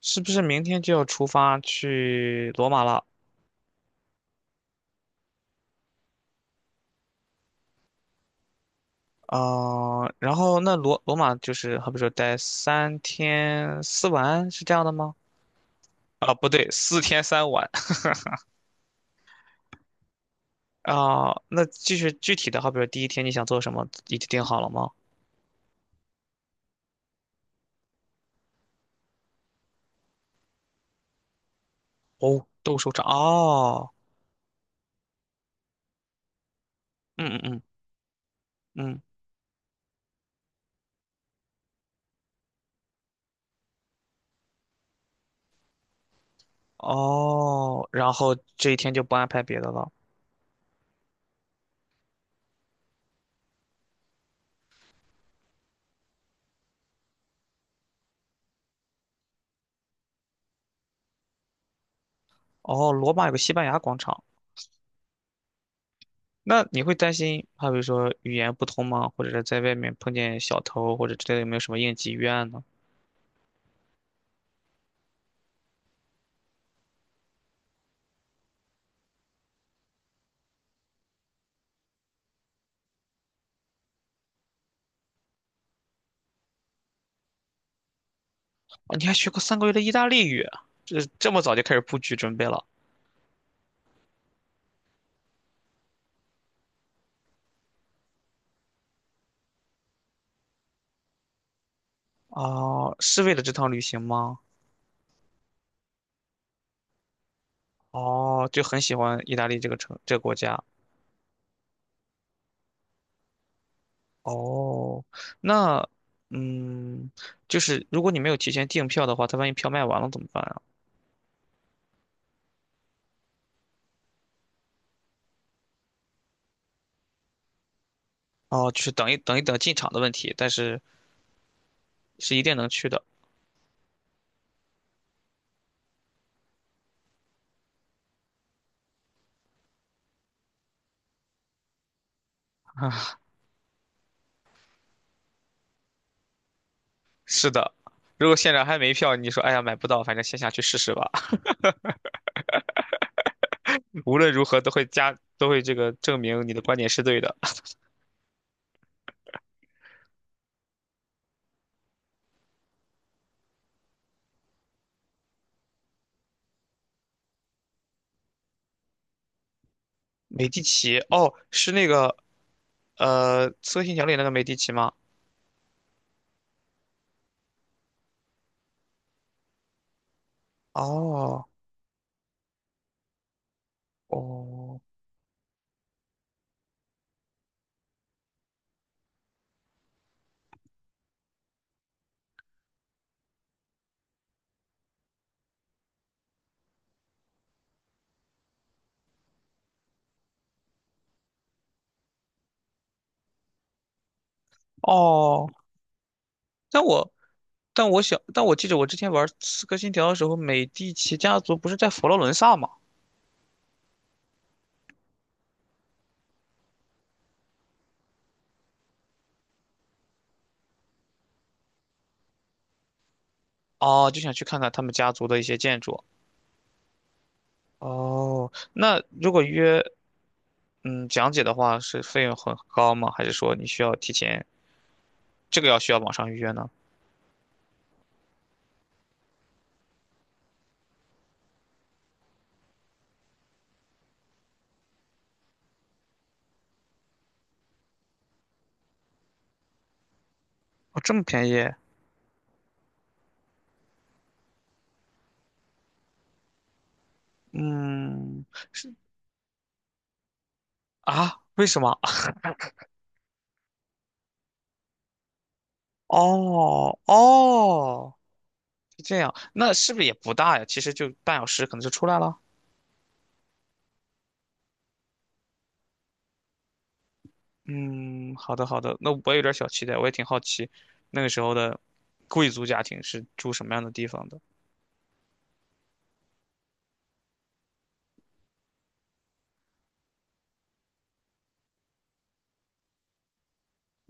是不是明天就要出发去罗马了？啊、然后罗马就是好比说待3天4晚是这样的吗？啊，不对，4天3晚 啊、那就是具体的，好比说第一天你想做什么，已经定好了吗？哦，斗兽场哦，嗯嗯嗯嗯。哦，然后这一天就不安排别的了。哦，罗马有个西班牙广场。那你会担心，好比如说语言不通吗？或者是在外面碰见小偷或者之类的，有没有什么应急预案呢？啊，你还学过3个月的意大利语，这么早就开始布局准备了？哦，是为了这趟旅行吗？哦，就很喜欢意大利这个这个国家。哦，那嗯，就是如果你没有提前订票的话，他万一票卖完了怎么办啊？哦，就是等进场的问题，但是是一定能去的。是的，如果现场还没票，你说哎呀买不到，反正线下去试试吧。无论如何都会加，都会这个证明你的观点是对的。美第奇，哦，是那个《刺客信条》里那个美第奇吗？哦哦哦，但我但我想，但我记得我之前玩《刺客信条》的时候，美第奇家族不是在佛罗伦萨吗？哦，就想去看看他们家族的一些建筑。哦，那如果约嗯讲解的话，是费用很高吗？还是说你需要提前？这个需要网上预约呢？哦，这么便宜？嗯，是啊？为什么？哦哦，是这样，那是不是也不大呀？其实就半小时可能就出来了。嗯，好的好的，那我有点小期待，我也挺好奇，那个时候的贵族家庭是住什么样的地方的？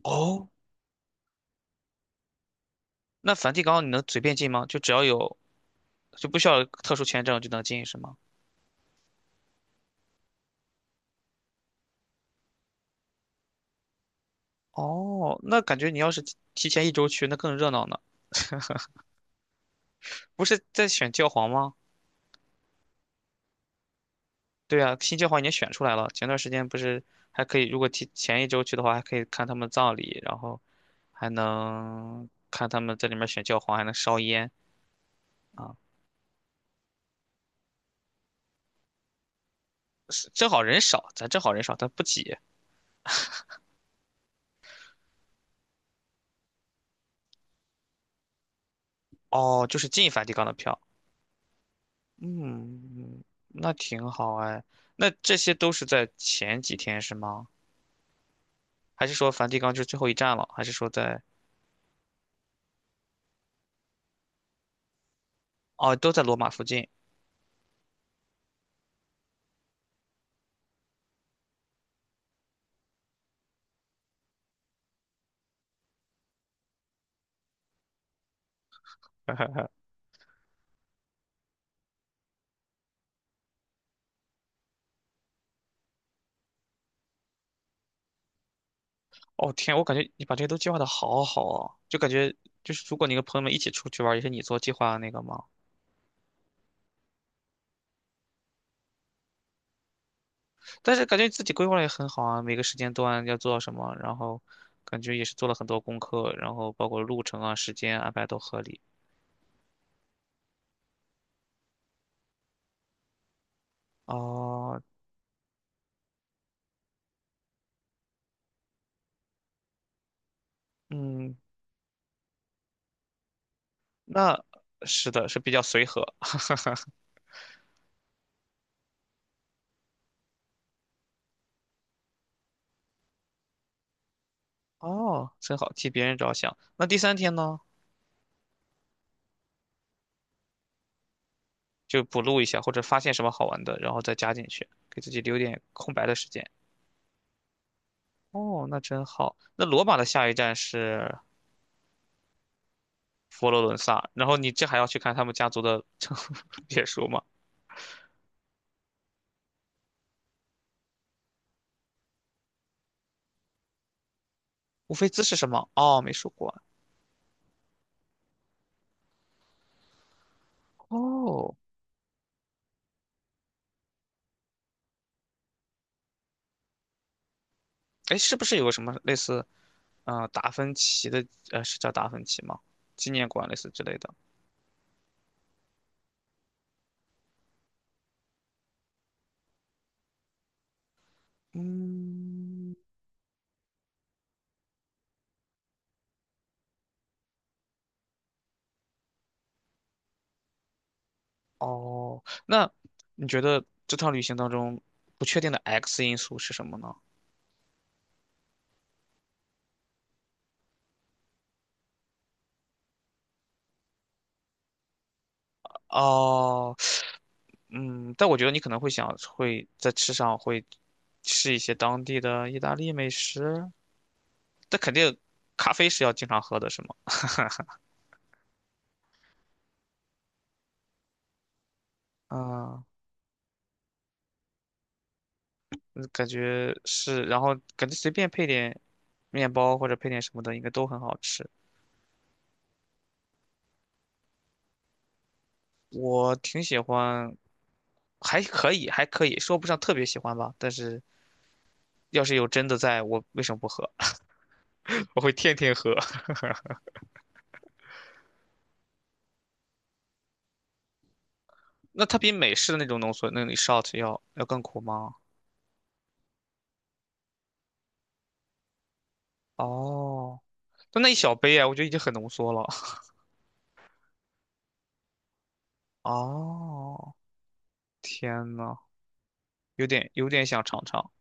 哦，那梵蒂冈你能随便进吗？就只要有，就不需要特殊签证就能进是吗？哦，那感觉你要是提前一周去，那更热闹呢。不是在选教皇吗？对啊，新教皇已经选出来了。前段时间不是还可以，如果提前一周去的话，还可以看他们葬礼，然后还能看他们在里面选教皇，还能烧烟啊。是正好人少，咱正好人少，咱不挤。哦，就是进梵蒂冈的票。嗯，那挺好哎。那这些都是在前几天是吗？还是说梵蒂冈就是最后一站了？还是说在……哦，都在罗马附近。哦天，我感觉你把这些都计划的好好哦，就感觉就是如果你跟朋友们一起出去玩儿也是你做计划的那个吗？但是感觉自己规划的也很好啊，每个时间段要做到什么，然后感觉也是做了很多功课，然后包括路程啊、时间安排都合理。哦，嗯，那是的，是比较随和。哦，真好，替别人着想。那第三天呢，就补录一下，或者发现什么好玩的，然后再加进去，给自己留点空白的时间。哦，那真好。那罗马的下一站是？佛罗伦萨，然后你这还要去看他们家族的 别墅吗？乌菲兹是什么？哦，美术馆。哦，哎，是不是有个什么类似，嗯，达芬奇的，呃，是叫达芬奇吗？纪念馆类似之类的。嗯，哦，那你觉得这趟旅行当中不确定的 X 因素是什么呢？哦，嗯，但我觉得你可能会想会在吃上吃一些当地的意大利美食，但肯定咖啡是要经常喝的，是吗？啊，那感觉是，然后感觉随便配点面包或者配点什么的，应该都很好吃。我挺喜欢，还可以，还可以，说不上特别喜欢吧。但是要是有真的在，我为什么不喝？我会天天喝。那它比美式的那种浓缩那种 shot 要更苦吗？哦，那那一小杯啊，我觉得已经很浓缩了。哦，天呐，有点想尝尝。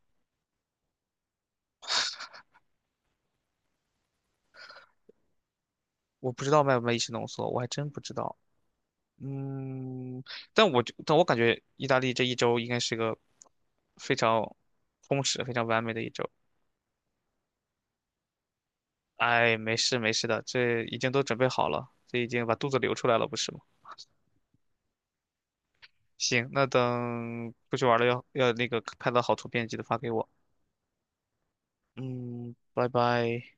我不知道卖不卖意式浓缩，我还真不知道。嗯，但我感觉意大利这一周应该是个非常充实、非常完美的一周。哎，没事没事的，这已经都准备好了，这已经把肚子流出来了，不是吗？行，那等出去玩了要那个拍到好图片，记得发给我。嗯，拜拜。